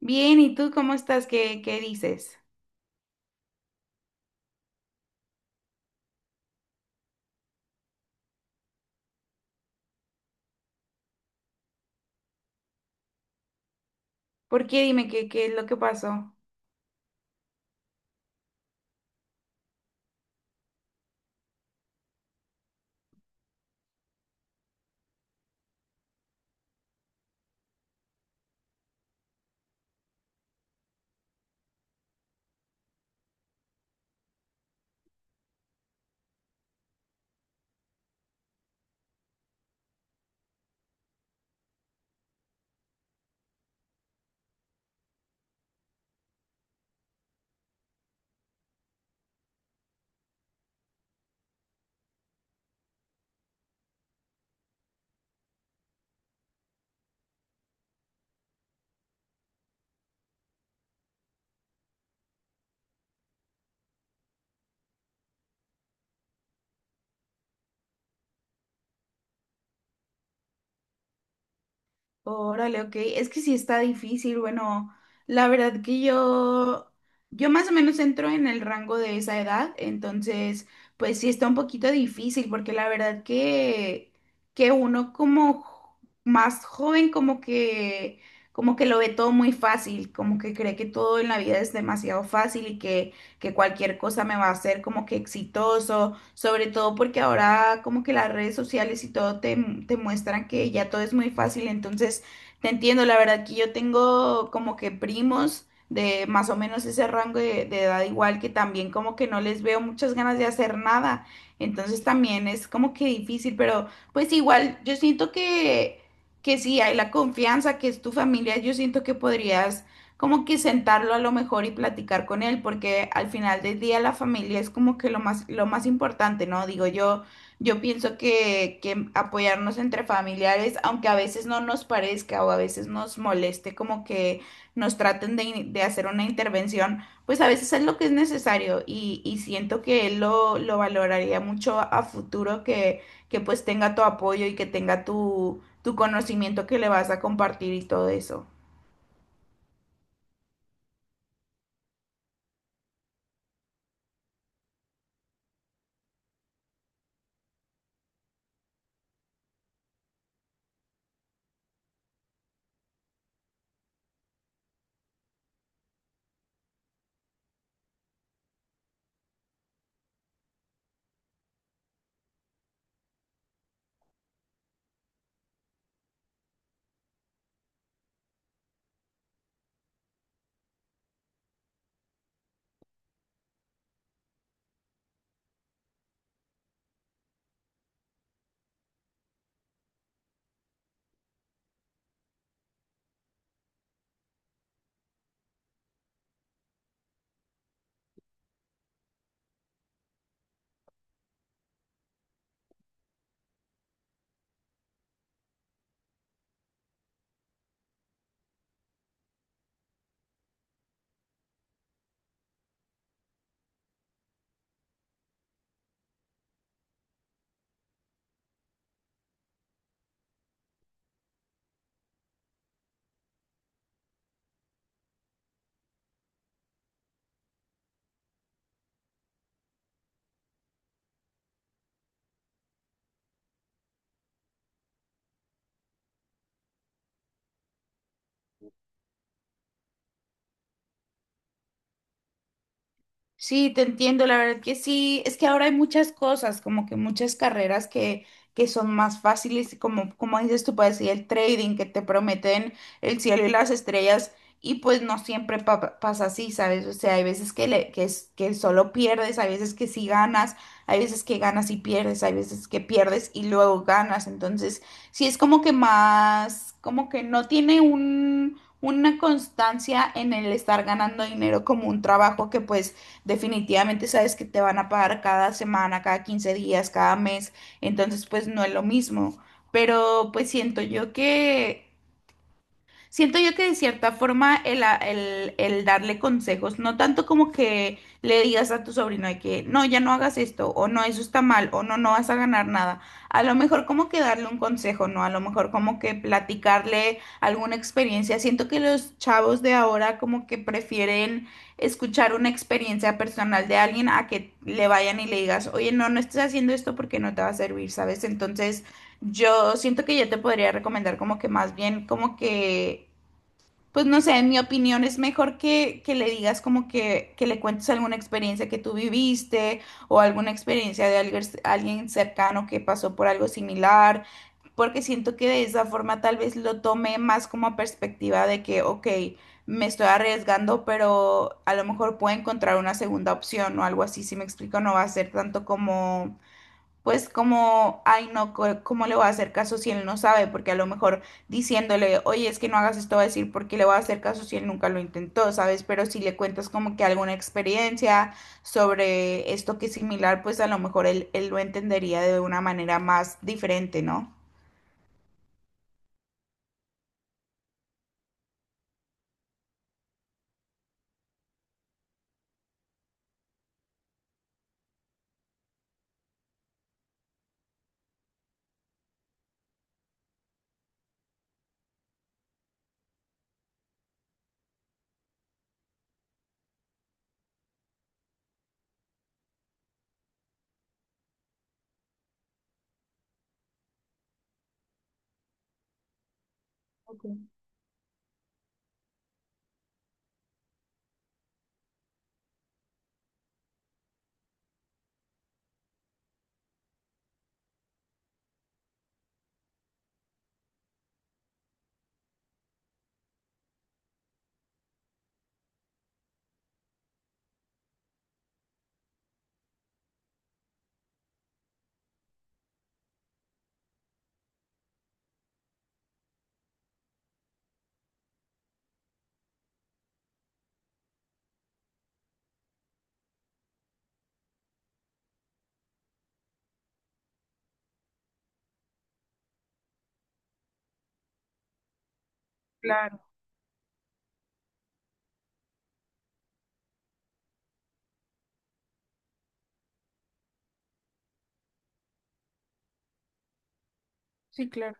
Bien, ¿y tú cómo estás? ¿Qué dices? ¿Por qué? Dime qué es lo que pasó. Órale, ok. Es que sí está difícil. Bueno, la verdad que yo más o menos entro en el rango de esa edad, entonces, pues sí está un poquito difícil, porque la verdad que uno como más joven, como que lo ve todo muy fácil, como que cree que todo en la vida es demasiado fácil y que cualquier cosa me va a hacer como que exitoso, sobre todo porque ahora como que las redes sociales y todo te muestran que ya todo es muy fácil. Entonces te entiendo, la verdad que yo tengo como que primos de más o menos ese rango de edad, igual que también como que no les veo muchas ganas de hacer nada, entonces también es como que difícil, pero pues igual yo siento que sí hay la confianza, que es tu familia, yo siento que podrías como que sentarlo a lo mejor y platicar con él, porque al final del día la familia es como que lo más importante, ¿no? Digo, yo pienso que apoyarnos entre familiares, aunque a veces no nos parezca o a veces nos moleste como que nos traten de, de hacer una intervención, pues a veces es lo que es necesario, y siento que él lo valoraría mucho a futuro, que pues tenga tu apoyo y que tenga tu, tu conocimiento que le vas a compartir y todo eso. Sí, te entiendo, la verdad que sí. Es que ahora hay muchas cosas, como que muchas carreras que son más fáciles, y como, como dices tú, puedes ir el trading, que te prometen el cielo y las estrellas, y pues no siempre pasa así, ¿sabes? O sea, hay veces que, le, que, que solo pierdes, hay veces que sí ganas, hay veces que ganas y pierdes, hay veces que pierdes y luego ganas, entonces sí es como que más, como que no tiene un... una constancia en el estar ganando dinero como un trabajo que pues definitivamente sabes que te van a pagar cada semana, cada 15 días, cada mes, entonces pues no es lo mismo. Pero pues siento yo que siento yo que de cierta forma el, el darle consejos, no tanto como que le digas a tu sobrino de que no, ya no hagas esto, o no, eso está mal, o no, no vas a ganar nada. A lo mejor como que darle un consejo, ¿no? A lo mejor como que platicarle alguna experiencia. Siento que los chavos de ahora como que prefieren escuchar una experiencia personal de alguien a que le vayan y le digas, oye, no, no estés haciendo esto porque no te va a servir, ¿sabes? Entonces yo siento que yo te podría recomendar como que más bien como que pues no sé, en mi opinión es mejor que le digas como que le cuentes alguna experiencia que tú viviste o alguna experiencia de alguien, alguien cercano que pasó por algo similar, porque siento que de esa forma tal vez lo tome más como perspectiva de que, ok, me estoy arriesgando, pero a lo mejor puedo encontrar una segunda opción o algo así, si me explico. No va a ser tanto como pues como, ay no, ¿cómo le voy a hacer caso si él no sabe? Porque a lo mejor diciéndole, oye, es que no hagas esto, va a decir, ¿por qué le voy a hacer caso si él nunca lo intentó, ¿sabes? Pero si le cuentas como que alguna experiencia sobre esto que es similar, pues a lo mejor él, él lo entendería de una manera más diferente, ¿no? Ok. Claro, sí, claro.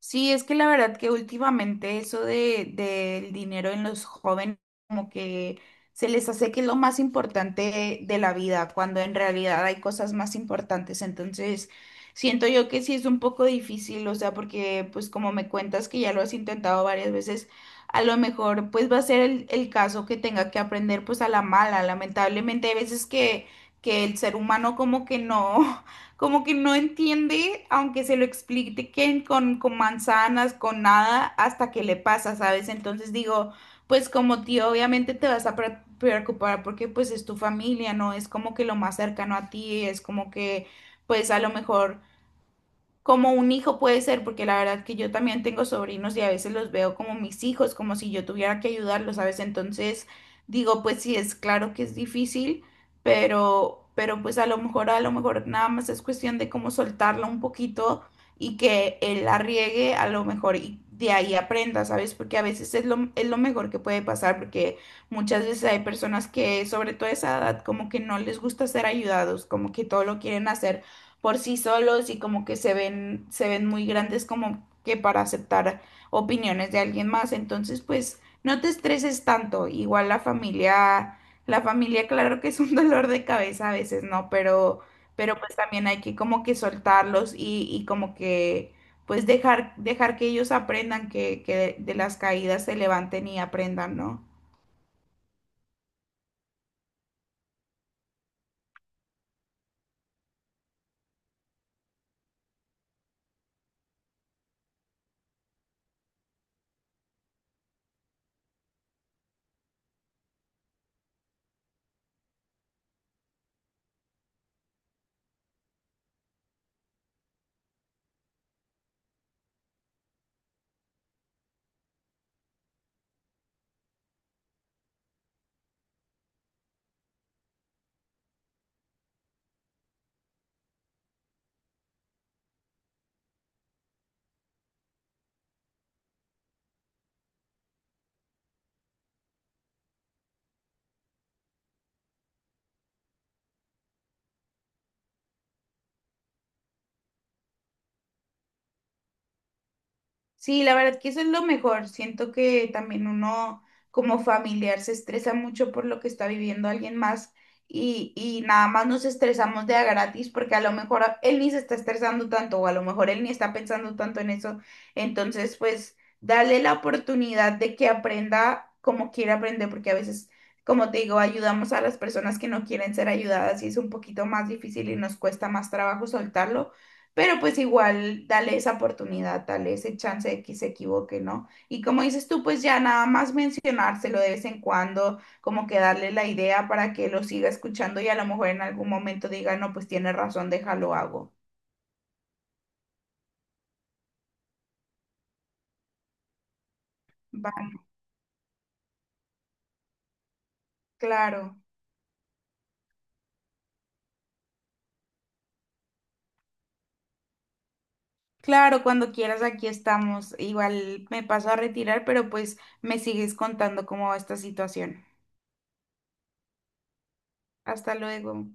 Sí, es que la verdad que últimamente eso del dinero en los jóvenes como que se les hace que es lo más importante de la vida, cuando en realidad hay cosas más importantes. Entonces, siento yo que sí es un poco difícil, o sea, porque pues como me cuentas que ya lo has intentado varias veces, a lo mejor pues va a ser el caso que tenga que aprender pues a la mala. Lamentablemente hay veces que el ser humano como que no, como que no entiende, aunque se lo expliquen con manzanas, con nada, hasta que le pasa, ¿sabes? Entonces digo, pues como tío, obviamente te vas a preocupar porque pues es tu familia, ¿no? Es como que lo más cercano a ti, es como que pues a lo mejor como un hijo puede ser, porque la verdad que yo también tengo sobrinos y a veces los veo como mis hijos, como si yo tuviera que ayudarlos, ¿sabes? Entonces digo, pues sí, es claro que es difícil, pero pues a lo mejor nada más es cuestión de cómo soltarla un poquito y que él la riegue a lo mejor y de ahí aprenda, ¿sabes? Porque a veces es lo mejor que puede pasar, porque muchas veces hay personas que, sobre todo a esa edad, como que no les gusta ser ayudados, como que todo lo quieren hacer por sí solos y como que se ven muy grandes como que para aceptar opiniones de alguien más. Entonces, pues no te estreses tanto. Igual la familia, claro que es un dolor de cabeza a veces, ¿no? Pero pues también hay que como que soltarlos, y como que pues dejar, dejar que ellos aprendan que de las caídas se levanten y aprendan, ¿no? Sí, la verdad que eso es lo mejor. Siento que también uno como familiar se estresa mucho por lo que está viviendo alguien más, y nada más nos estresamos de a gratis porque a lo mejor él ni se está estresando tanto, o a lo mejor él ni está pensando tanto en eso. Entonces, pues, darle la oportunidad de que aprenda como quiere aprender, porque a veces, como te digo, ayudamos a las personas que no quieren ser ayudadas y es un poquito más difícil y nos cuesta más trabajo soltarlo. Pero pues igual, dale esa oportunidad, dale ese chance de que se equivoque, ¿no? Y como dices tú, pues ya nada más mencionárselo de vez en cuando, como que darle la idea para que lo siga escuchando, y a lo mejor en algún momento diga, no, pues tiene razón, déjalo hago. Va, claro. Claro, cuando quieras aquí estamos. Igual me paso a retirar, pero pues me sigues contando cómo va esta situación. Hasta luego.